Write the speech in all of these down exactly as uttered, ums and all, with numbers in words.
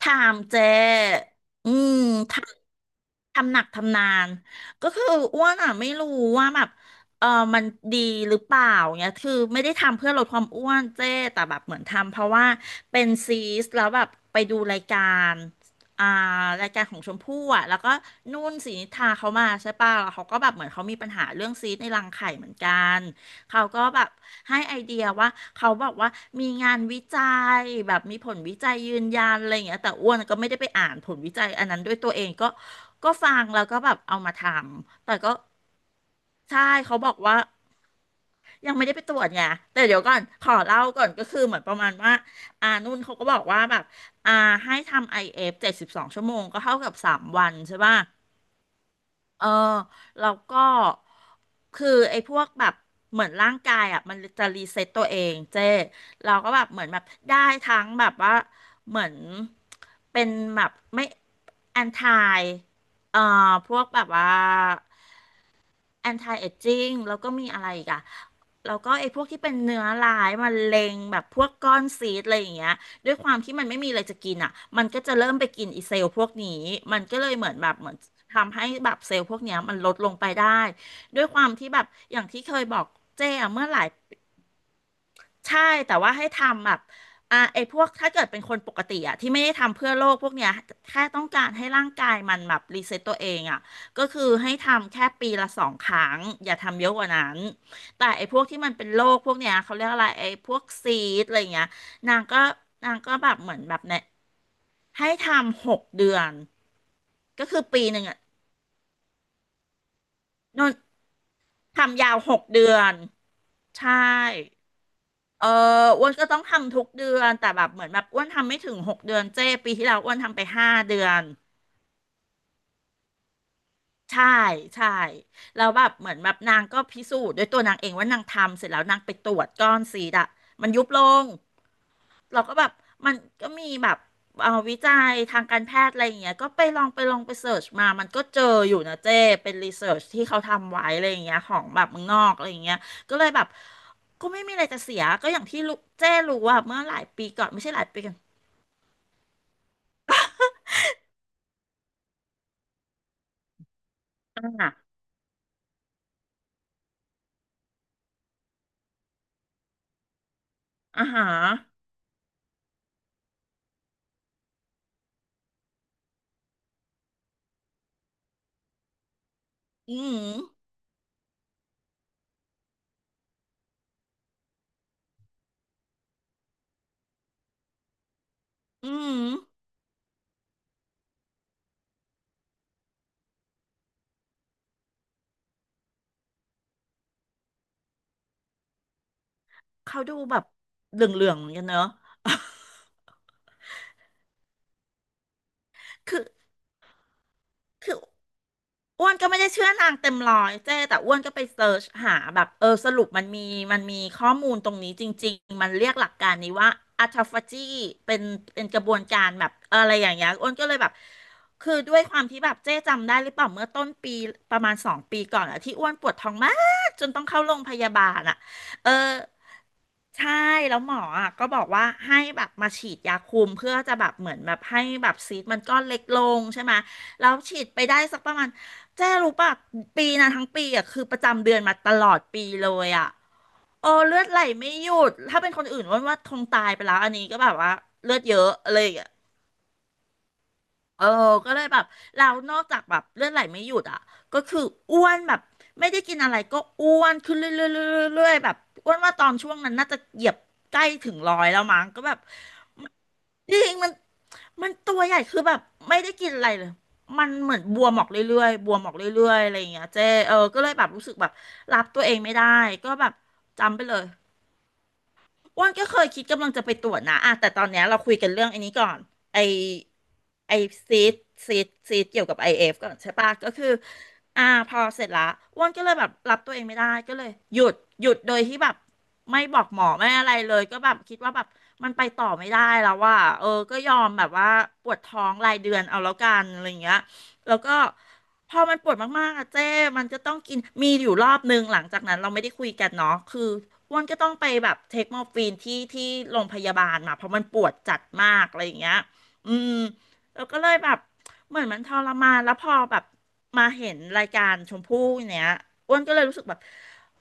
ถามเจอืมทำทำหนักทำนานก็คืออ้วนอ่ะไม่รู้ว่าแบบเออมันดีหรือเปล่าเนี่ยคือไม่ได้ทำเพื่อลดความอ้วนเจ้แต่แบบเหมือนทำเพราะว่าเป็นซีสแล้วแบบไปดูรายการอ่ารายการของชมพู่อ่ะแล้วก็นุ่นศรีนิธาเขามาใช่ป่ะแล้วเขาก็แบบเหมือนเขามีปัญหาเรื่องซีสในรังไข่เหมือนกันเขาก็แบบ ให้ไอเดียว่าเขาบอกว่ามีงานวิจัยแบบมีผลวิจัยยืนยันอะไรอย่างเงี้ยแต่อ้วนก็ไม่ได้ไปอ่านผลวิจัยอันนั้นด้วยตัวเองก็ก็ฟังแล้วก็แบบเอามาทำแต่ก็ใช่เขาบอกว่ายังไม่ได้ไปตรวจไงแต่เดี๋ยวก่อนขอเล่าก่อนก็คือเหมือนประมาณว่าอ่านุ่นเขาก็บอกว่าแบบอ่าให้ทำไอเอฟเจ็ดสิบสองชั่วโมงก็เท่ากับสามวันใช่ป่ะ เออแล้วก็คือไอ้พวกแบบเหมือนร่างกายอ่ะมันจะรีเซ็ตตัวเองเจ้เราก็แบบเหมือนแบบได้ทั้งแบบว่าเหมือนเป็นแบบไม่แอนทายเอ่อพวกแบบว่า anti aging แล้วก็มีอะไรอีกอะแล้วก็ไอ้พวกที่เป็นเนื้อร้ายมะเร็งแบบพวกก้อนซีสอะไรอย่างเงี้ยด้วยความที่มันไม่มีอะไรจะกินอะมันก็จะเริ่มไปกินอีเซลล์พวกนี้มันก็เลยเหมือนแบบเหมือนทำให้แบบเซลล์พวกเนี้ยมันลดลงไปได้ด้วยความที่แบบอย่างที่เคยบอกเจ้อะเมื่อหลาย ใช่แต่ว่าให้ทำแบบอ่าไอ้พวกถ้าเกิดเป็นคนปกติอ่ะที่ไม่ได้ทำเพื่อโลกพวกเนี้ยแค่ต้องการให้ร่างกายมันแบบรีเซ็ตตัวเองอ่ะก็คือให้ทำแค่ปีละสองครั้งอย่าทำเยอะกว่านั้นแต่ไอ้พวกที่มันเป็นโรคพวกเนี้ยเขาเรียกอะไรไอ้พวกซีดอะไรเงี้ยนางก็นางก็แบบเหมือนแบบเนี่ยให้ทำหกเดือนก็คือปีหนึ่งอ่ะนนทำยาวหกเดือนใช่ เอออ้วนก็ต้องทำทุกเดือนแต่แบบเหมือนแบบอ้วนทำไม่ถึงหกเดือนเจ้ปีที่แล้วอ้วนทำไปห้าเดือนใช่ใช่แล้วแบบเหมือนแบบนางก็พิสูจน์ด้วยตัวนางเองว่านางทำเสร็จแล้วนางไปตรวจก้อนซีดอะมันยุบลงเราก็แบบมันก็มีแบบเอาวิจัยทางการแพทย์อะไรอย่างเงี้ยก็ไปลองไปลองไปเสิร์ชมามันก็เจออยู่นะเจ้เป็นรีเสิร์ชที่เขาทำไว้อะไรอย่างเงี้ยของแบบเมืองนอกอะไรอย่างเงี้ยก็เลยแบบก็ไม่มีอะไรจะเสียก็อย่างที่ลูกเจ้รู้ว่าเมื่อหลายปีก่อนไม่ใช่หลายปีก่อน อ่าอาฮะาอืม อืม เขาดูแบบเหลืองๆเหมือนกันเนอะ คือ คืออ้วนก็ไม่ได้เชื่อนางเต็มร้อยเจ้แต่อ้วนก็ไปเซิร์ชหาแบบเออสรุปมันมีมันมีข้อมูลตรงนี้จริงๆมันเรียกหลักการนี้ว่าอัตฟาจีเป็นเป็นกระบวนการแบบอะไรอย่างเงี้ยอ้วนก็เลยแบบคือด้วยความที่แบบเจ๊จำได้หรือเปล่าเมื่อต้นปีประมาณสองปีก่อนอะที่อ้วนปวดท้องมากจนต้องเข้าโรงพยาบาลอะเออ ใช่แล้วหมออ่ะก็บอกว่าให้แบบมาฉีดยาคุมเพื่อจะแบบเหมือนแบบให้แบบซีสต์มันก้อนเล็กลงใช่ไหมแล้วฉีดไปได้สักประมาณเจ๊รู้ป่ะปีนะทั้งปีอ่ะคือประจำเดือนมาตลอดปีเลยอ่ะโอ้เลือดไหลไม่หยุดถ้าเป็นคนอื่นว่าว่าคงตายไปแล้วอันนี้ก็แบบว่าเลือดเยอะอะไรอย่างเลย เออก็เลยแบบเรานอกจากแบบเลือดไหลไม่หยุดอ่ะก็คืออ้วนแบบไม่ได้กินอะไรก็อ้วนขึ้นเรื่อยๆเรื่อยๆแบบอ้วนว่าตอนช่วงนั้นน่าจะเหยียบใกล้ถึงร้อยแล้วมั้งก็แบบจริงมันมันตัวใหญ่คือแบบไม่ได้กินอะไรเลยมันเหมือนบวมออกเรื่อยๆบวมออกเรื่อยๆอะไรอย่างเงี้ยเจ๊เออก็เลยแบบรู้สึกแบบรับตัวเองไม่ได้ก็แบบจำไปเลย อ้วนก็เคยคิดกำลังจะไปตรวจนะอ่ะแต่ตอนเนี้ยเราคุยกันเรื่องไอันนี้ก่อนไอไอซีดซีดซีดเกี่ยวกับไอเอฟก่อนใช่ปะก็คืออ่าพอเสร็จละอ้วนก็เลยแบบรับตัวเองไม่ได้ก็เลยหยุดหยุดโดยที่แบบไม่บอกหมอไม่อะไรเลยก็แบบคิดว่าแบบมันไปต่อไม่ได้แล้วว่าเออก็ยอมแบบว่าปวดท้องรายเดือนเอาแล้วกันอะไรอย่างเงี้ยแล้วก็ พอมันปวดมากๆอะเจ้มันจะต้องกินมีอยู่รอบนึงหลังจากนั้นเราไม่ได้คุยกันเนาะคืออ้วนก็ต้องไปแบบเทคมอร์ฟีนที่ที่โรงพยาบาลมาเพราะมันปวดจัดมากอะไรอย่างเงี้ยอืมแล้วก็เลยแบบเหมือนมันทรมานแล้วพอแบบมาเห็นรายการชมพู่เนี้ยอ้วนก็เลยรู้สึกแบบ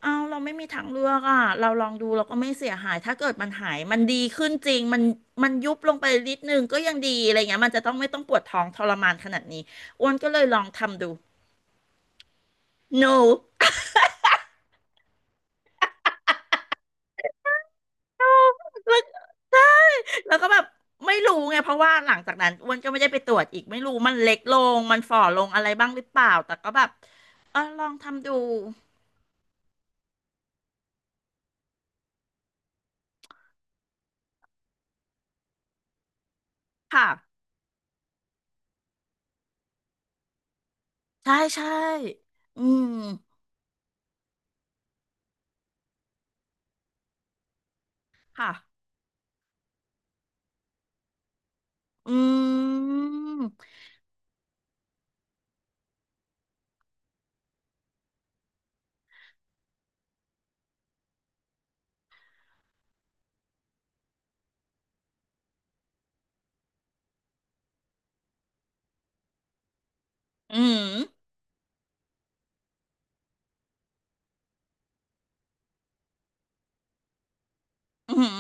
เอาเราไม่มีทางเลือกอ่ะเราลองดูเราก็ไม่เสียหายถ้าเกิดมันหายมันดีขึ้นจริงมันมันยุบลงไปนิดนึงก็ยังดีอะไรเงี้ยมันจะต้องไม่ต้องปวดท้องทรมานขนาดนี้อ้วนก็เลยลองทำดู หนูแล้วใช่ แล้วก็แบบไม่รู้ไงเพราะว่าหลังจากนั้นอ้วนก็ไม่ได้ไปตรวจอีกไม่รู้มันเล็กลงมันฝ่อลงอะไรบ้างหรือเปล่าแต่ก็แบบเออลองทำดูค่ะใช่ใช่อืมค่ะอืมอืมอืม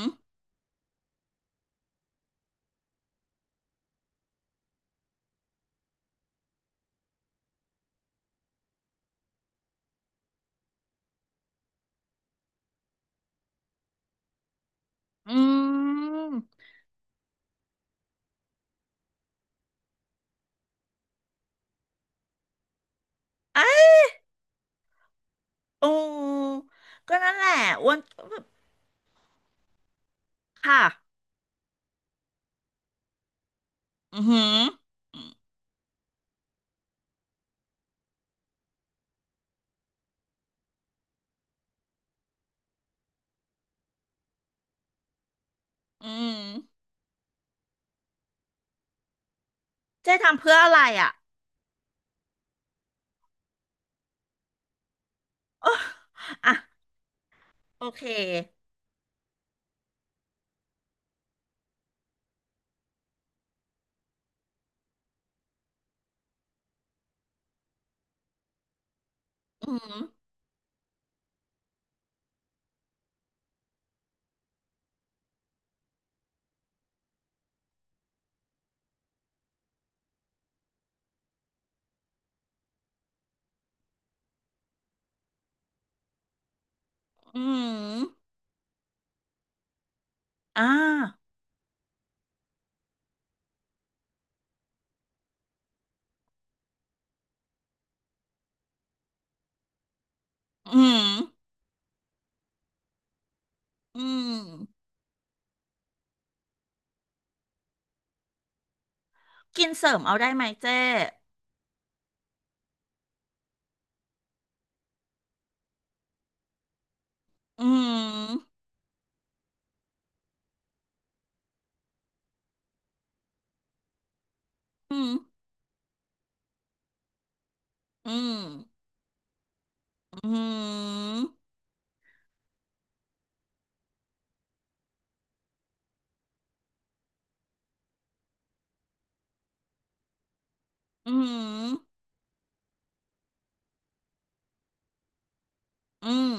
อืมโอ้ก็นั่นแหละอ้วนก็แบบค่ะอือหืออืมอืมเจ๊ทำเพื่ออะไรอ่ะโอะอ่ะโอเค อืมอืมอ่าอืมอืมกินเสริมเอาได้ไหมเจ้อืมอืมอืมอืมอืมอืม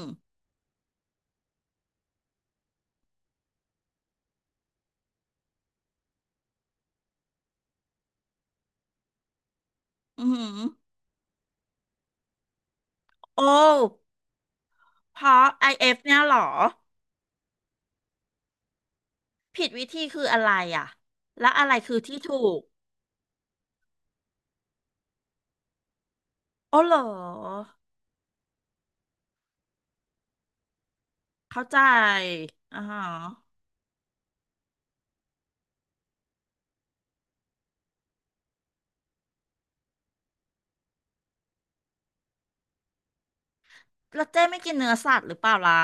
อืมโอ้เพราะ ไอ เอฟ เอฟเนี่ยเหรอผิดวิธีคืออะไรอ่ะและอะไรคือที่ถูกโอ้เหรอเข้าใจอ่าฮะแล้วเจ้ไม่กินเนื้อสัตว์หรือเปล่าล่ะ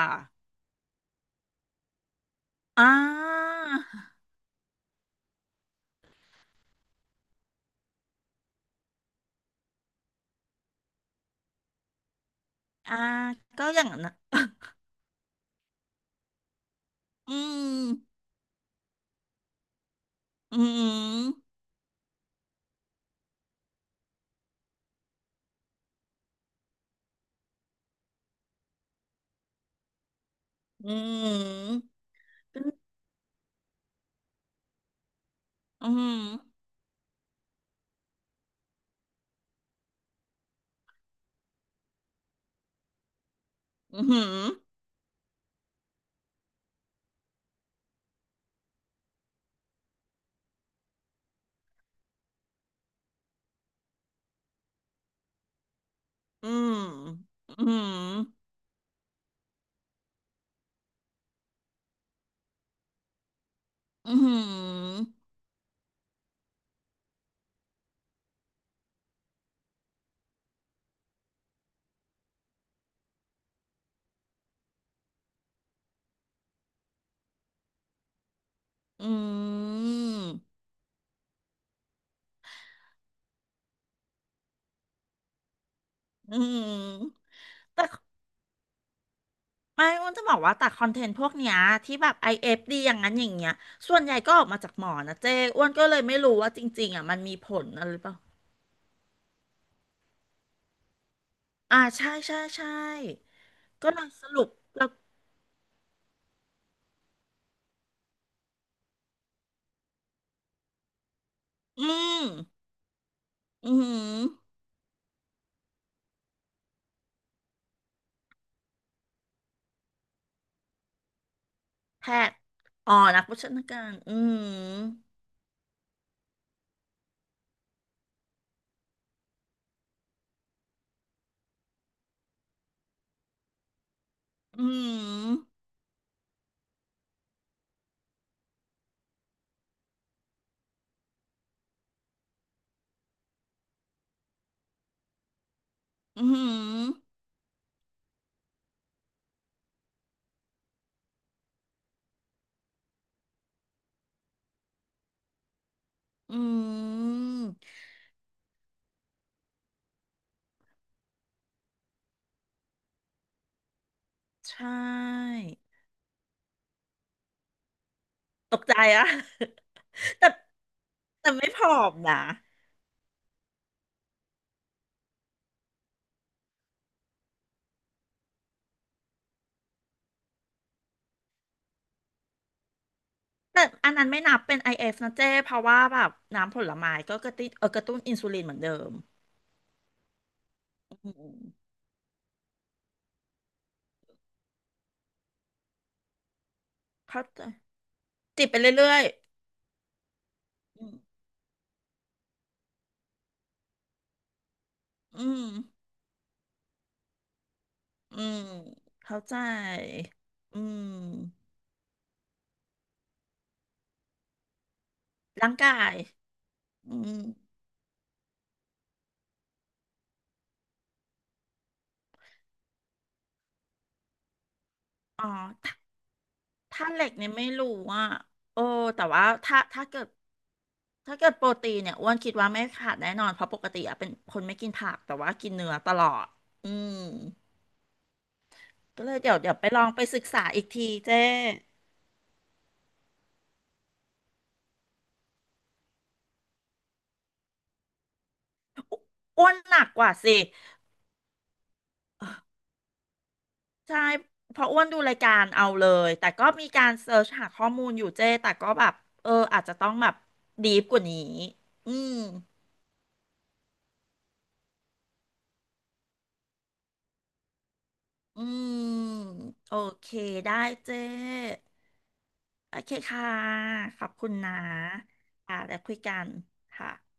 อ่าอ่าก็อย่างนั้นนะอืมอืม อืม อืม อืม อืม อืม อืมอืมอืมแต่ไม่อ้วนจะบอกว่าแต่คอนเทนต์พวกเนี้ยที่แบบ ไอ เอฟ ดี อเอฟดีอย่างนั้นอย่างเงี้ยส่วนใหญ่ก็ออกมาจากหมอนะเจ้อ้วนก็เลยไม่รู้ว่าจริงๆอ่ะมันมีผลอะไรหรือเปล่าอ่าใช่ใช่ใช่ก็เลยสรุปแล้วอืมอืมแพทย์อ๋อนักโภชนาการอืมอืมอืม อืมใช่ตกใจอะ แต่แต่ไม่ผอมนะแต่อันนั้นไม่นับเป็น ไอ เอฟ นะเจ้เพราะว่าแบบน้ำผลไม้ก็กระตุ้นเออกระตุ้นอินซูลินเหมือนเดิมอืมเข้าใจจิบไปเรื่อยๆอืมอืมอืมเข้าใจอืมร่างกายอืมอ๋อถ้าถ้าเหล็กเนี่ยไม่รู้อ่ะโอ้แต่ว่าถ้าถ้าเกิด ถ้าเกิดโปรตีนเนี่ยอ้วนคิดว่าไม่ขาดแน่นอนเพราะปกติอะเป็นคนไม่กินผักแต่ว่ากินเนื้อตลอดอืมก็เลยเดี๋ยวเดี๋ยวไปลองไปศึกษาอีกทีเจ้อ้วนหนักกว่าสิเออใช่เพราะอ้วนดูรายการเอาเลยแต่ก็มีการเสิร์ชหาข้อมูลอยู่เจ้แต่ก็แบบเอออาจจะต้องแบบดีฟกว่านี้อืมอืมโอเคได้เจ้โอเคค่ะขอบคุณนะอ่าแล้วคุยกันค่ะ